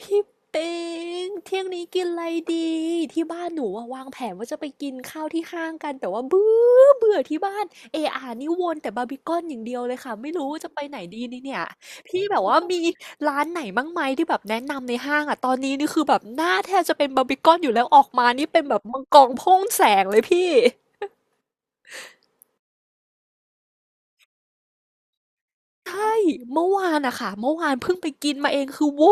พี่ปิงเที่ยงนี้กินอะไรดีที่บ้านหนูอะวางแผนว่าจะไปกินข้าวที่ห้างกันแต่ว่าเบื่อเบื่อที่บ้านเออานี่วนแต่บาร์บีคอนอย่างเดียวเลยค่ะไม่รู้ว่าจะไปไหนดีนี่เนี่ยพี่แบบว่ามีร้านไหนบ้างไหมที่แบบแนะนำในห้างอ่ะตอนนี้นี่คือแบบหน้าแทบจะเป็นบาร์บีคอนอยู่แล้วออกมานี่เป็นแบบมังกรพ่นแสงเลยพี่ เมื่อวานอะค่ะเมื่อวานเพิ่งไปกินมาเองคือว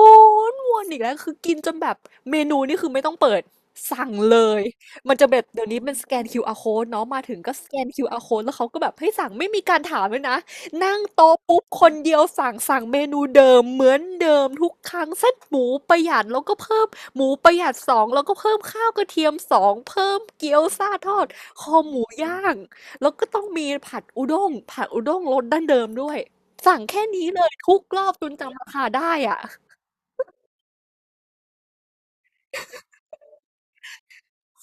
นวนอีกแล้วคือกินจนแบบเมนูนี่คือไม่ต้องเปิดสั่งเลยมันจะแบบเดี๋ยวนี้เป็นสแกนคิวอาร์ code เนาะมาถึงก็สแกนคิวอาร์ code แล้วเขาก็แบบให้สั่งไม่มีการถามเลยนะนั่งโต๊ะปุ๊บคนเดียวสั่งเมนูเดิมเหมือนเดิมทุกครั้งเส้นหมูประหยัดแล้วก็เพิ่มหมูประหยัดสองแล้วก็เพิ่มข้าวกระเทียมสองเพิ่มเกี๊ยวซ่าทอดคอหมูย่างแล้วก็ต้องมีผัดอุด้งผัดอุด้งรสดั้งเดิมด้วย สั่งแค่นี้เลยทุกรอบจนจำราคาได้อะ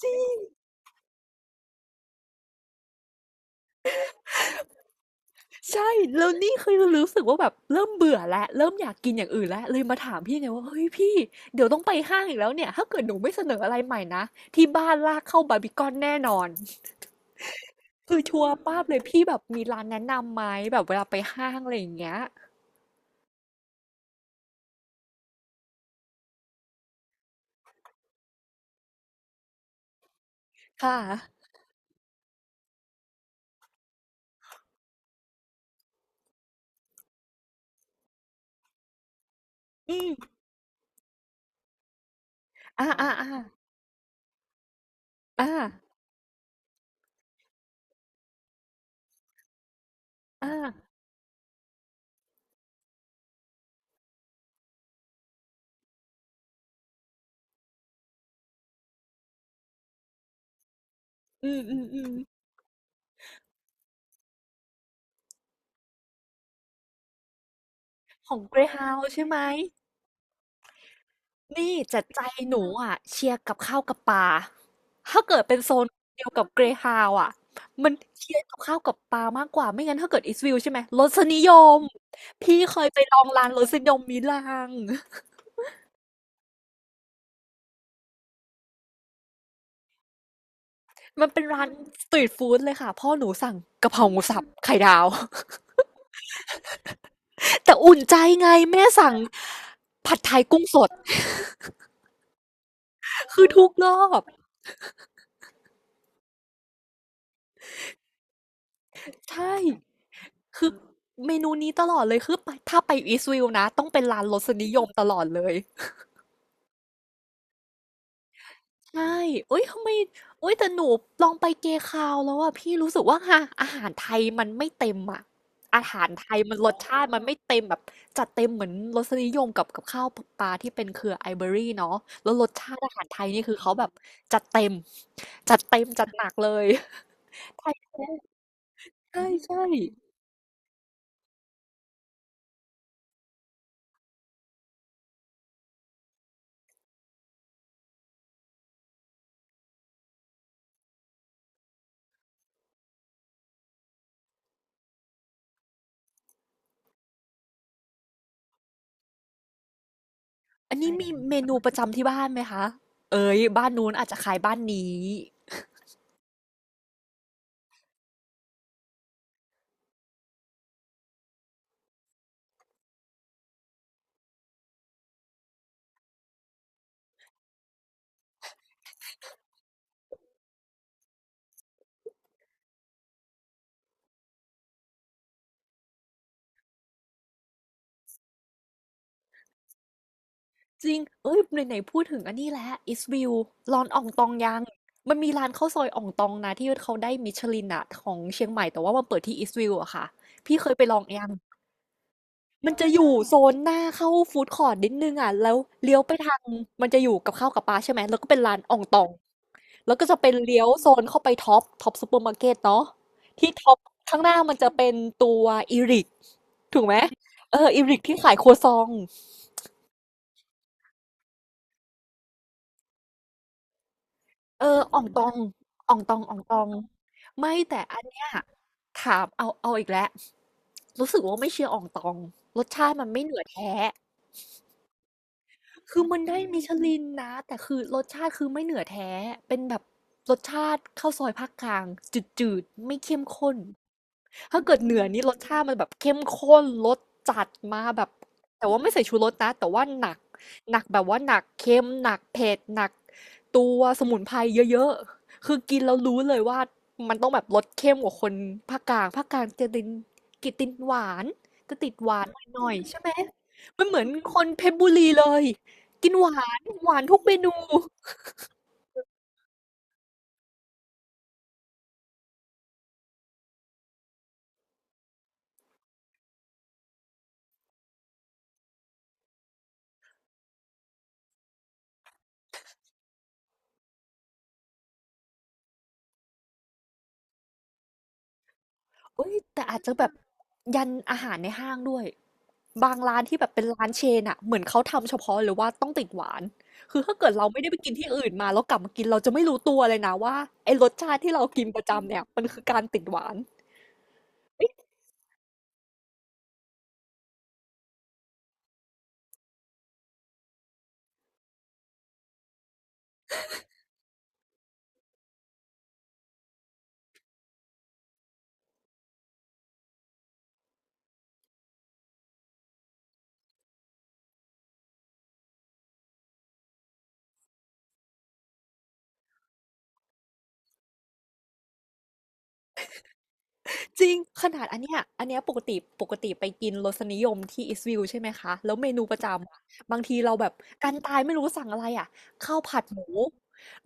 จริงใช่แล้วนี่คือรู้สึกว่าแบบเริ่มเบื่อแล้วเริ่มอยากกินอย่างอื่นแล้วเลยมาถามพี่ไงว่าเฮ้ยพี่เดี๋ยวต้องไปห้างอีกแล้วเนี่ยถ้าเกิดหนูไม่เสนออะไรใหม่นะที่บ้านลากเข้าบาร์บีคอนแน่นอนคือชัวร์ป้าบเลยพี่แบบมีร้านแนะนำไหมแบบเวลาไปห้างอะไรอย่างเงี้ยค่ะอืมอ่าอ่าอ่าอ่าอ่าอืมอืมอืมของเกรฮาใช่ไหม นี่จัดใจหนูอ่ะเชียร์กับข้าวกับปลาถ้าเกิดเป็นโซนเดียวกับเกรฮาวอ่ะ มันเชียร์กับข้าวกับปลามากกว่าไม่งั้นถ้าเกิดอิสวิลใช่ไหมรสนิยมพี่เคยไปลองร้านรสนิยมมิลาง มันเป็นร้านสตรีทฟู้ดเลยค่ะพ่อหนูสั่งกะเพราหมูสับไข่ดาว แต่อุ่นใจไงแม่สั่งผัดไทยกุ้งสด คือทุกรอบใช่คือเมนูนี้ตลอดเลยคือไปถ้าไปอีสวิลนะต้องเป็นร้านรสนิยมตลอดเลย ใช่เอ้ยทำไมเอ้ยแต่หนูลองไปเกคาวแล้วอะพี่รู้สึกว่าค่ะอาหารไทยมันไม่เต็มอะอาหารไทยมันรสชาติมันไม่เต็มแบบจัดเต็มเหมือนรสนิยมกับข้าวปลาที่เป็นเครือไอเบอรี่เนาะแล้วรสชาติอาหารไทยนี่คือเขาแบบจัดเต็มจัดเต็มจัดหนักเลยไทยแท้ใช่ใช่อันนี้มีเมนูประจำที่บ้านไหมคะเอ้ยบ้านนู้นอาจจะขายบ้านนี้ จริงเอ้ยไหนๆพูดถึงอันนี้แล้ว East View ร้านอ่องตองยังมันมีร้านข้าวซอยอ่องตองนะที่เขาได้มิชลินอะของเชียงใหม่แต่ว่ามันเปิดที่ East View อะค่ะพี่เคยไปลองยังมันจะอยู่โซนหน้าเข้าฟู้ดคอร์ทนิดนึงอะแล้วเลี้ยวไปทางมันจะอยู่กับข้าวกับปลาใช่ไหมแล้วก็เป็นร้านอ่องตองแล้วก็จะเป็นเลี้ยวโซนเข้าไปท็อปซูเปอร์มาร์เก็ตเนาะที่ท็อปข้างหน้ามันจะเป็นตัวอีริกถูกไหมเอออีริกที่ขายครัวซอง เอออ่องตองอ่องตองอ่องตองไม่แต่อันเนี้ยถามเอาอีกแล้วรู้สึกว่าไม่เชียร์อ่องตองรสชาติมันไม่เหนือแท้ คือมันได้มิชลินนะแต่คือรสชาติคือไม่เหนือแท้เป็นแบบรสชาติข้าวซอยภาคกลางจืดๆไม่เข้มข้นถ้าเกิดเหนือนี่รสชาติมันแบบเข้มข้นรสจัดมาแบบแต่ว่าไม่ใส่ชูรสนะแต่ว่าหนักหนักแบบว่าหนักเค็มหนักเผ็ดหนักตัวสมุนไพรเยอะๆคือกินแล้วรู้เลยว่ามันต้องแบบรสเข้มกว่าคนภาคกลางจะตินกินตินหวานจะติดหวานหน่อยๆใช่ไหมมันเหมือนคนเพชรบุรีเลย กินหวานหวานทุกเมนูเอ้ยแต่อาจจะแบบยันอาหารในห้างด้วยบางร้านที่แบบเป็นร้านเชนอะเหมือนเขาทำเฉพาะเลยว่าต้องติดหวานคือถ้าเกิดเราไม่ได้ไปกินที่อื่นมาแล้วกลับมากินเราจะไม่รู้ตัวเลยนะว่าไอ้รสชาติที่เรากินประจำเนี่ยมันคือการติดหวาน จริงขนาดอันเนี้ยปกติไปกินรสนิยมที่อิสวิลใช่ไหมคะแล้วเมนูประจำอะบางทีเราแบบกันตายไม่รู้สั่งอะไรอ่ะข้าวผัดหมู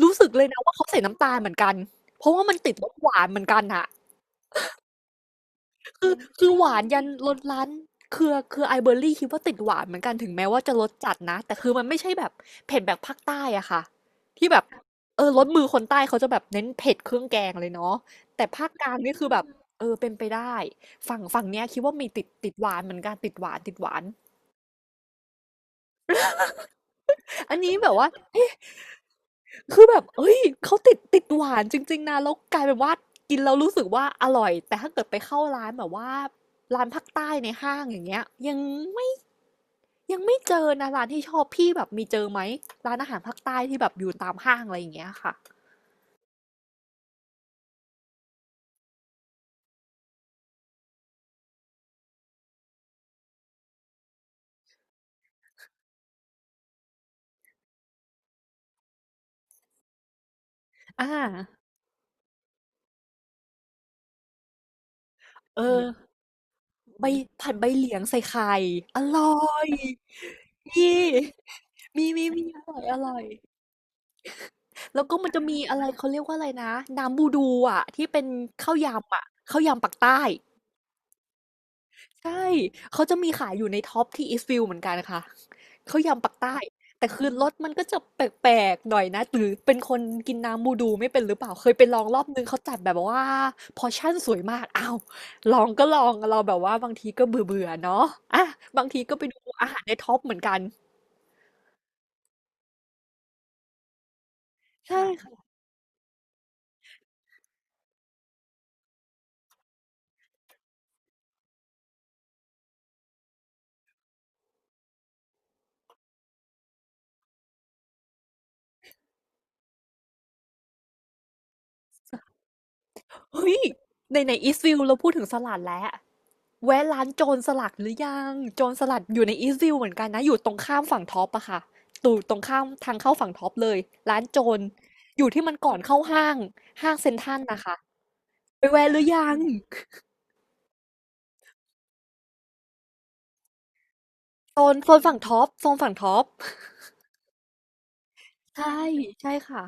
รู้สึกเลยนะว่าเขาใส่น้ำตาลเหมือนกันเพราะว่ามันติดรสหวานเหมือนกันอะ คือหวานยันรสร้านคือไอเบอร์รี่คิดว่าติดหวานเหมือนกันถึงแม้ว่าจะรสจัดนะแต่คือมันไม่ใช่แบบเผ็ดแบบภาคใต้อะค่ะที่แบบเออรสมือคนใต้เขาจะแบบเน้นเผ็ดเครื่องแกงเลยเนาะแต่ภาคกลางนี่คือแบบเออเป็นไปได้ฝั่งเนี้ยคิดว่ามีติดหวานเหมือนกันติดหวานติดหวานอันนี้แบบว่าคือแบบเอ้ยเขาติดหวานจริงๆนะแล้วกลายเป็นว่ากินแล้วรู้สึกว่าอร่อยแต่ถ้าเกิดไปเข้าร้านแบบว่าร้านภาคใต้ในห้างอย่างเงี้ยยังไม่ ยังไม่เจอนะร้านที่ชอบพี่แบบมีเจอไหมร้านอาหารภาคใต้ที่แบบอยู่ตามห้างอะไรอย่างเงี้ยค่ะอ่าเออใบผัดใบเหลียงใส่ไข่อร่อยนี่มีอร่อยอร่อยแล้วก็มันจะมีอะไรเขาเรียกว่าอะไรนะน้ำบูดูอ่ะที่เป็นข้าวยำอ่ะข้าวยำปักใต้ ใช่ เขาจะมีขายอยู่ในท็อปที่ Eastfiel เหมือนกันค่ะ เขายำปักใต้ แต่คือรสมันก็จะแปลกๆหน่อยนะ หรือเป็นคนกินน้ำบูดูไม่เป็นหรือเปล่า เคยไปลองรอบนึงเขาจัดแบบว่าพอร์ชั่นสวยมากอ้าวลองก็ลองเราแบบว่าบางทีก็เบื่อๆเนาะอ่ะบางทีก็ไปดูอาหารในท็อปเหมือนกัน ใช่ค่ะเฮ้ยในอีสฟิวเราพูดถึงสลัดแล้ว แวะร้านโจรสลัดหรือยังโจรสลัดอยู่ในอีสต์วิวเหมือนกันนะอยู่ตรงข้ามฝั่งท็อปอะค่ะตู่ตรงข้ามทางเข้าฝั่งท็อปเลยร้านโจรอยู่ที่มันก่อนเข้าห้างห้างเซ็นทรัลนะคะไปแวะหรือยังโซนฝั่งท็อปโซนฝั่งท็อปใช่ใช่ค่ะ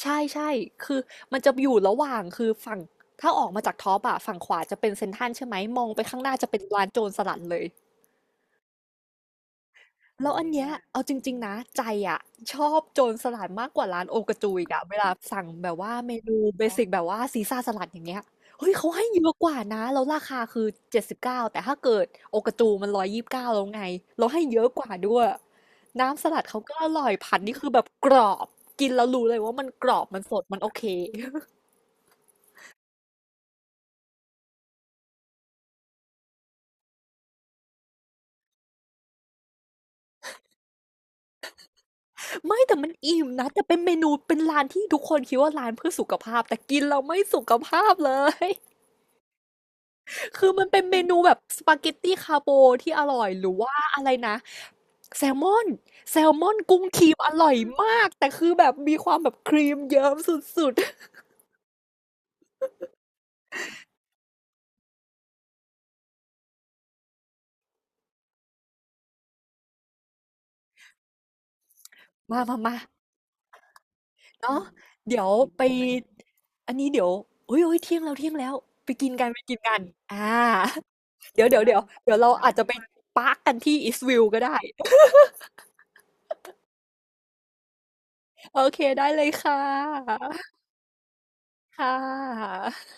ใช่ใช่คือมันจะอยู่ระหว่างคือฝั่งถ้าออกมาจากท็อปอะฝั่งขวาจะเป็นเซ็นทรัลใช่ไหมมองไปข้างหน้าจะเป็นร้านโจรสลัดเลย แล้วอันเนี้ยเอาจริงๆนะใจอะชอบโจรสลัดมากกว่าร้านโอกาจูอีกอะเวลาสั่งแบบว่าเมนูเบสิกแบบว่าซีซ่าสลัดอย่างเงี้ยเฮ้ยเขาให้เยอะกว่านะแล้วราคาคือ79แต่ถ้าเกิดโอกาจูมัน129แล้วไงเราให้เยอะกว่าด้วยน้ำสลัดเขาก็อร่อยผัดนี่คือแบบกรอบกินแล้วรู้เลยว่ามันกรอบมันสดมันโอเค ไม่แต่มันอิ่มนะแต่เป็นเมนูเป็นร้านที่ทุกคนคิดว่าร้านเพื่อสุขภาพแต่กินเราไม่สุขภาพเลย คือมันเป็นเมนูแบบสปาเกตตี้คาโบที่อร่อยหรือว่าอะไรนะแซลมอนแซลมอนกุ้งครีมอร่อยมากแต่คือแบบมีความแบบครีมเยิ้มสุดๆมามามาเนาะเดี๋ยวไปอันนี้เดี๋ยวโอ้ยโอ้ยเที่ยงแล้วเที่ยงแล้วไปกินกันไปกินกันอ่าเดี๋ยวเดี๋ยวเดี๋ยวเดี๋ยวเราอาจจะไปปาร์กกันที่อิสวิลก็ได้โอเคได้เลยค่ะค่ะ